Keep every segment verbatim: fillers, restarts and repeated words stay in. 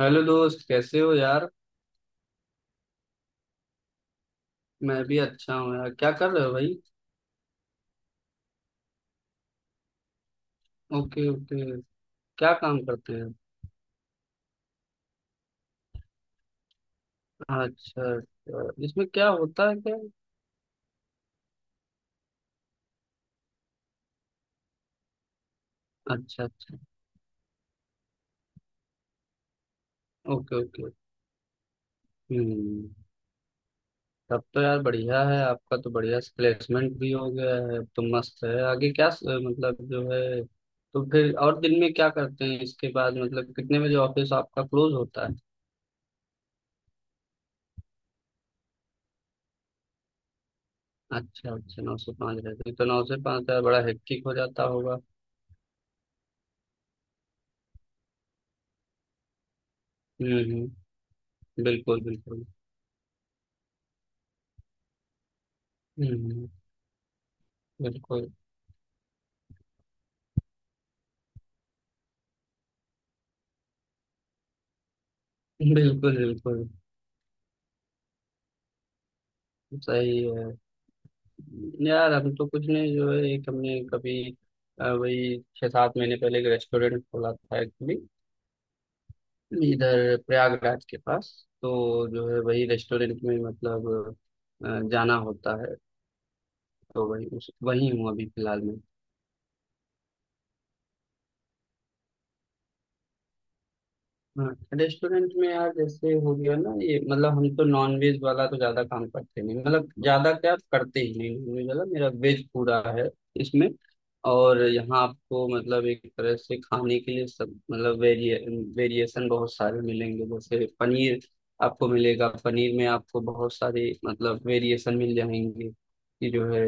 Hello दोस्त, कैसे हो यार। मैं भी अच्छा हूँ यार, क्या कर रहे हो भाई। Okay okay. क्या काम करते हैं। अच्छा अच्छा, इसमें क्या होता है क्या। अच्छा अच्छा। Okay okay. हम्म। तब तो यार बढ़िया है, आपका तो बढ़िया प्लेसमेंट भी हो गया है, अब तो मस्त है। आगे क्या स- मतलब जो है तो फिर और दिन में क्या करते हैं इसके बाद, मतलब कितने बजे ऑफिस आपका क्लोज होता है। अच्छा अच्छा, नौ से पाँच रहते हैं, तो नौ से पाँच यार बड़ा हेक्टिक हो जाता होगा। हम्म हम्म। बिल्कुल बिल्कुल। हम्म, बिल्कुल बिल्कुल। बिल्कुल सही है। यार हम तो कुछ नहीं, जो है एक हमने कभी अ, वही छः सात महीने पहले एक रेस्टोरेंट खोला था एक्चुअली, इधर प्रयागराज के पास। तो जो है वही रेस्टोरेंट में मतलब अ, जाना होता है। तो वही उस वही हूँ अभी फिलहाल में। हाँ, रेस्टोरेंट में यार जैसे हो गया ना ये, मतलब हम तो नॉन वेज वाला तो ज्यादा काम करते नहीं, मतलब ज्यादा क्या करते ही नहीं नॉन वेज वाला, मेरा वेज पूरा है इसमें। और यहाँ आपको मतलब एक तरह से खाने के लिए सब मतलब वेरिए वेरिएशन बहुत सारे मिलेंगे, जैसे पनीर आपको मिलेगा, पनीर में आपको बहुत सारे मतलब वेरिएशन मिल जाएंगे कि जो है,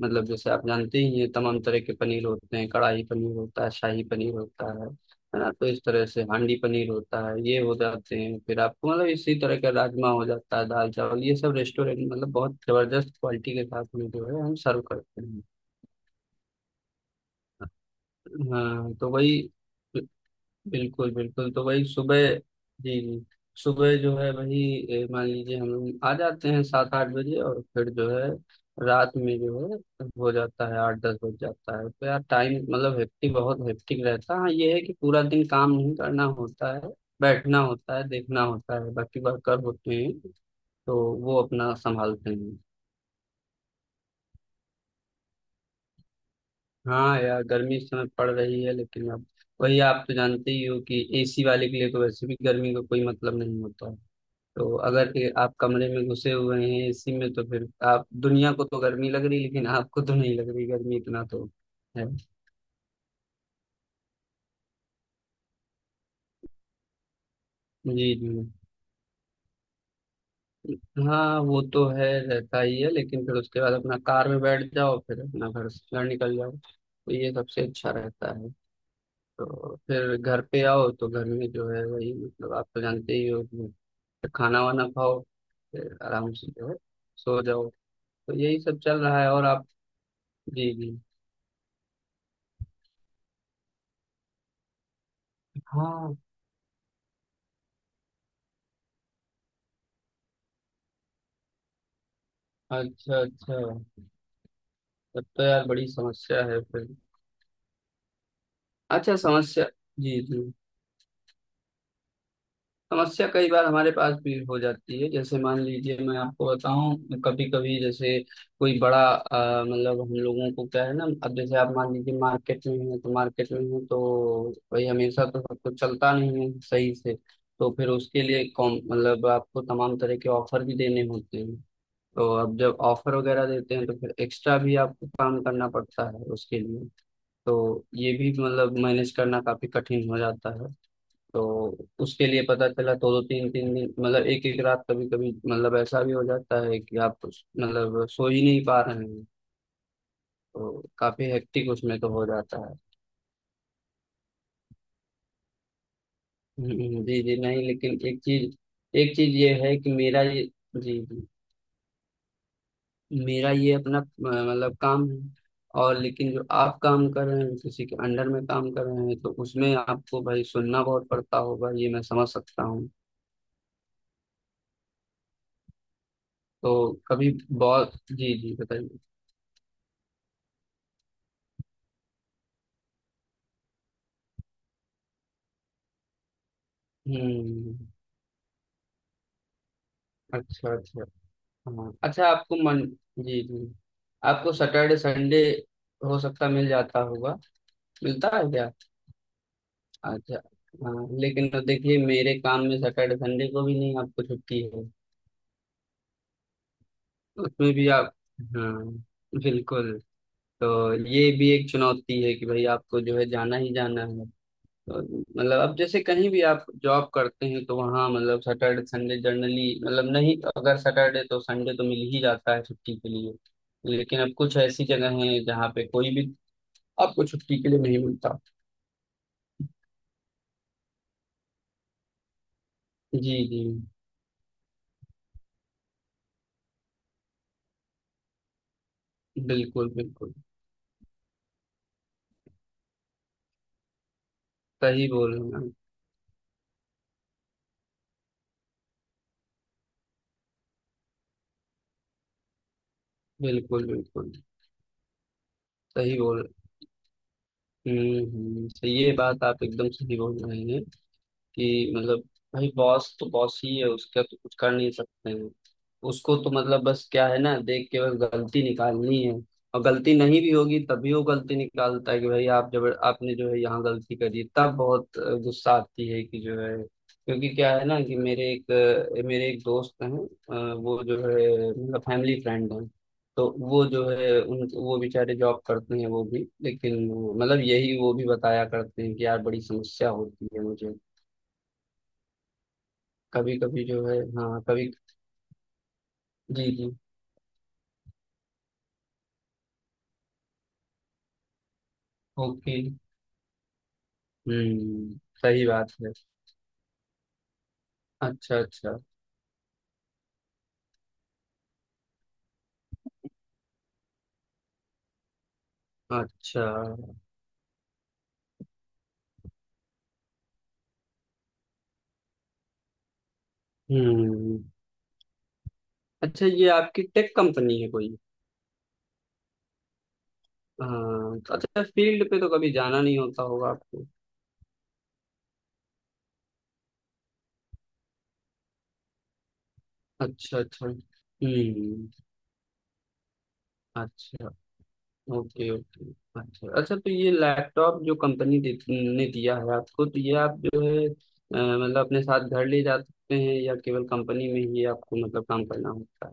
मतलब जैसे आप जानते ही हैं तमाम तरह के पनीर होते हैं, कढ़ाई पनीर होता है, शाही पनीर होता है है ना। तो इस तरह से हांडी पनीर होता है, ये हो जाते हैं। फिर आपको मतलब इसी तरह का राजमा हो जाता है, दाल चावल, ये सब रेस्टोरेंट मतलब बहुत जबरदस्त क्वालिटी के साथ में जो है हम सर्व करते हैं। हाँ तो वही। बिल्कुल बिल्कुल, तो वही सुबह जी जी। सुबह जो है वही ए, मान लीजिए हम लोग आ जाते हैं सात आठ बजे, और फिर जो है रात में जो है हो जाता है आठ दस बज जाता है, तो यार टाइम मतलब हेक्टिक, बहुत हेक्टिक रहता है। हाँ, ये है कि पूरा दिन काम नहीं करना होता है, बैठना होता है, देखना होता है, बाकी वर्कर होते हैं तो वो अपना संभालते हैं। हाँ यार, गर्मी इस समय पड़ रही है, लेकिन अब वही आप तो जानते ही हो कि एसी वाले के लिए तो वैसे भी गर्मी का कोई मतलब नहीं होता है। तो अगर ये आप कमरे में घुसे हुए हैं एसी में, तो फिर आप दुनिया को तो गर्मी लग रही, लेकिन आपको तो नहीं लग रही गर्मी, इतना तो है। जी जी। हाँ वो तो है, रहता ही है, लेकिन फिर उसके बाद अपना कार में बैठ जाओ, फिर अपना घर से घर निकल जाओ, तो ये सबसे अच्छा रहता है। तो फिर घर पे आओ तो घर में जो है वही, मतलब आप तो जानते ही हो कि खाना वाना खाओ, फिर आराम से जो है सो जाओ। तो यही सब चल रहा है, और आप। जी जी। हाँ, अच्छा अच्छा। तब तो यार बड़ी समस्या है फिर। अच्छा समस्या। जी जी। समस्या कई बार हमारे पास भी हो जाती है, जैसे मान लीजिए मैं आपको बताऊं कभी कभी जैसे कोई बड़ा अ, मतलब हम लोगों को क्या है ना, अब जैसे आप मान लीजिए मार्केट में हैं तो मार्केट में हैं, तो भाई हमेशा तो सब कुछ चलता नहीं है सही से। तो फिर उसके लिए कॉम मतलब आपको तमाम तरह के ऑफर भी देने होते हैं। तो अब जब ऑफर वगैरह देते हैं तो फिर एक्स्ट्रा भी आपको काम करना पड़ता है उसके लिए। तो ये भी मतलब मैनेज करना काफी कठिन हो जाता है। तो उसके लिए पता चला दो दो तीन तीन दिन, मतलब एक एक रात कभी कभी मतलब ऐसा भी हो जाता है कि आप मतलब सो ही नहीं पा रहे हैं। तो काफी हेक्टिक उसमें तो हो जाता है। हम्म, जी जी। नहीं, लेकिन एक चीज, एक चीज ये है कि मेरा ये जी जी, मेरा ये अपना अ, मतलब काम है। और लेकिन जो आप काम कर रहे हैं, किसी के अंडर में काम कर रहे हैं, तो उसमें आपको भाई सुनना बहुत पड़ता होगा, ये मैं समझ सकता हूँ। तो कभी बहुत जी जी, बताइए। हम्म। अच्छा अच्छा। हाँ, अच्छा आपको मन जी जी, आपको सैटरडे संडे हो सकता मिल जाता होगा। मिलता है क्या। अच्छा। हाँ, लेकिन तो देखिए मेरे काम में सैटरडे संडे को भी नहीं, आपको छुट्टी है उसमें भी आप। हाँ, बिल्कुल। तो ये भी एक चुनौती है कि भाई आपको जो है जाना ही जाना है। तो मतलब अब जैसे कहीं भी आप जॉब करते हैं, तो वहाँ मतलब सैटरडे संडे जनरली, मतलब नहीं अगर सैटरडे तो संडे तो मिल ही जाता है छुट्टी के लिए। लेकिन अब कुछ ऐसी जगह हैं जहाँ पे कोई भी आपको छुट्टी के लिए नहीं मिलता। जी जी। बिल्कुल बिल्कुल। सही बोल रहे हैं आप। बिल्कुल बिल्कुल। सही बोल हम्म हम्म, तो ये बात आप एकदम सही बोल रहे हैं कि मतलब भाई बॉस तो बॉस ही है, उसका तो कुछ कर नहीं सकते हैं। उसको तो मतलब बस क्या है ना, देख के बस गलती निकालनी है, और गलती नहीं भी होगी तभी वो गलती निकालता है कि भाई आप जब आपने जो है यहाँ गलती करी, तब बहुत अ, गुस्सा आती है कि जो है, क्योंकि क्या है ना कि मेरे एक अ, मेरे एक दोस्त हैं, अ, वो जो है मतलब फैमिली फ्रेंड हैं, तो वो जो है उन वो बेचारे जॉब करते हैं वो भी, लेकिन मतलब यही वो भी बताया करते हैं कि यार बड़ी समस्या होती है मुझे कभी कभी जो है। हाँ, कभी जी जी। ओके। हम्म। सही बात है। अच्छा अच्छा। अच्छा। हम्म। अच्छा, ये आपकी टेक कंपनी है कोई। हाँ, तो अच्छा फील्ड पे तो कभी जाना नहीं होता होगा आपको। अच्छा अच्छा हम्म। अच्छा। Okay okay. अच्छा अच्छा, तो ये लैपटॉप जो कंपनी दे, ने दिया है आपको, तो ये आप जो है अ, मतलब अपने साथ घर ले जा सकते हैं या केवल कंपनी में ही आपको मतलब काम करना होता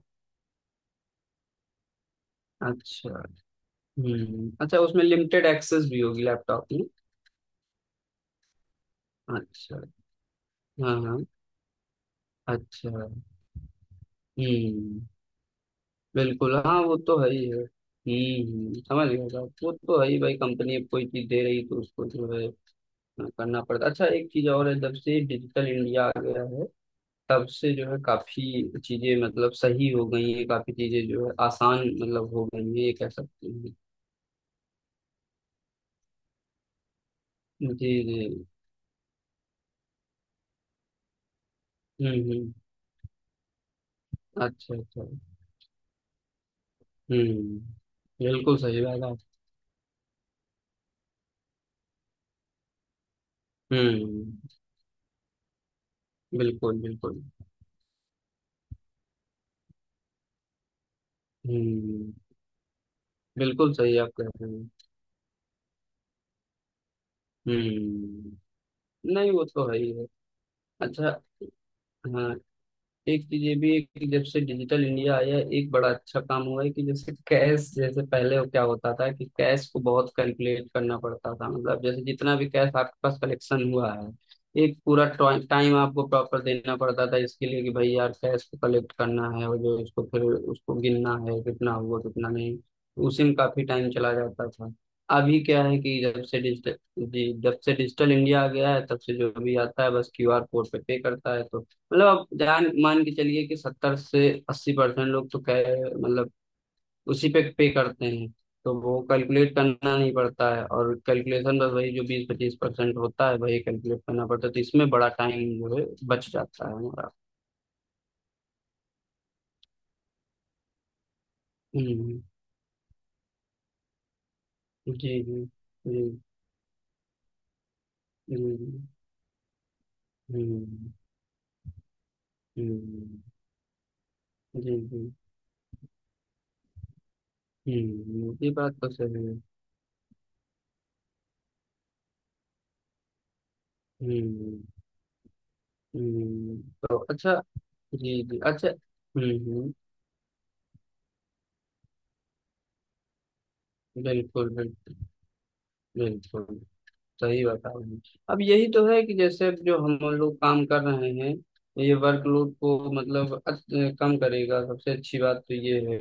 है। अच्छा। हम्म, अच्छा उसमें लिमिटेड एक्सेस भी होगी लैपटॉप में। अच्छा। हाँ हाँ। अच्छा। हम्म। बिल्कुल हाँ, वो तो है ही है। हम्म, समझ गया साहब, वो तो है ही भाई, कंपनी अब कोई चीज दे रही तो उसको जो है अ, करना पड़ता। अच्छा एक चीज और है, जब से डिजिटल इंडिया आ गया है, तब से जो है काफी चीजें मतलब सही हो गई हैं, काफी चीजें जो है आसान मतलब हो गई हैं, ये कह सकते हैं। जी जी। हम्म हम्म। अच्छा अच्छा। हम्म। बिल्कुल सही बात है। हम्म। बिल्कुल बिल्कुल। हम्म। बिल्कुल सही आप कह रहे हैं। हम्म। नहीं वो तो है ही है। अच्छा। हाँ, एक चीज ये भी है कि जब से डिजिटल इंडिया आया है, एक बड़ा अच्छा काम हुआ है कि जैसे कैश, जैसे पहले वो क्या होता था कि कैश को बहुत कैलकुलेट करना पड़ता था, मतलब जैसे जितना भी कैश आपके पास कलेक्शन हुआ है, एक पूरा टाइम आपको प्रॉपर देना पड़ता था इसके लिए कि भाई यार कैश को कलेक्ट करना है, और जो इसको फिर उसको गिनना है कितना हुआ कितना नहीं, उसी में काफी टाइम चला जाता था। अभी क्या है कि जब से डिजिटल जी, जब से डिजिटल इंडिया आ गया है, तब से जो भी आता है बस क्यूआर कोड पे पे करता है, तो मतलब आप जान मान के चलिए कि सत्तर से अस्सी परसेंट लोग तो कह मतलब उसी पे पे करते हैं, तो वो कैलकुलेट करना नहीं पड़ता है, और कैलकुलेशन बस वही जो बीस पच्चीस परसेंट होता है वही कैलकुलेट करना पड़ता है, तो इसमें बड़ा टाइम जो है बच जाता है हमारा। हम्म, जी जी। जी जी। हम्म हम्म, जी जी। हम्म, ये बात तो सही है। हम्म हम्म। तो अच्छा। जी जी, अच्छा। हम्म हम्म। बिल्कुल बिल्कुल। बिल्कुल सही बता रहे हैं। अब यही तो है कि जैसे अब जो हम लोग काम कर रहे हैं, ये वर्कलोड को मतलब अच- कम करेगा, सबसे अच्छी बात तो ये है।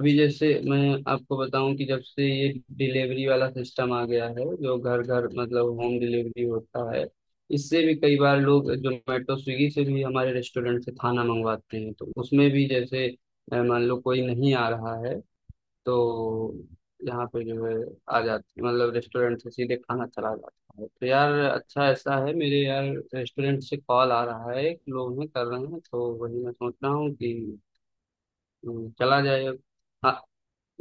अभी जैसे मैं आपको बताऊं कि जब से ये डिलीवरी वाला सिस्टम आ गया है, जो घर घर मतलब होम डिलीवरी होता है, इससे भी कई बार लोग जोमेटो स्विगी से भी हमारे रेस्टोरेंट से खाना मंगवाते हैं, तो उसमें भी जैसे अ, मान लो कोई नहीं आ रहा है, तो यहाँ पे जो है आ जाती मतलब रेस्टोरेंट से सीधे खाना चला जाता है। तो यार अच्छा, ऐसा है मेरे यार, रेस्टोरेंट से कॉल आ रहा है, एक लोग हैं कर रहे हैं, तो वही मैं सोच रहा हूँ कि हम्म, चला जाए अब। हाँ,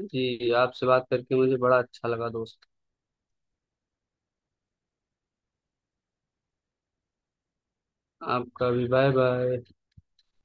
जी आपसे बात करके मुझे बड़ा अच्छा लगा दोस्त। आपका भी, बाय बाय।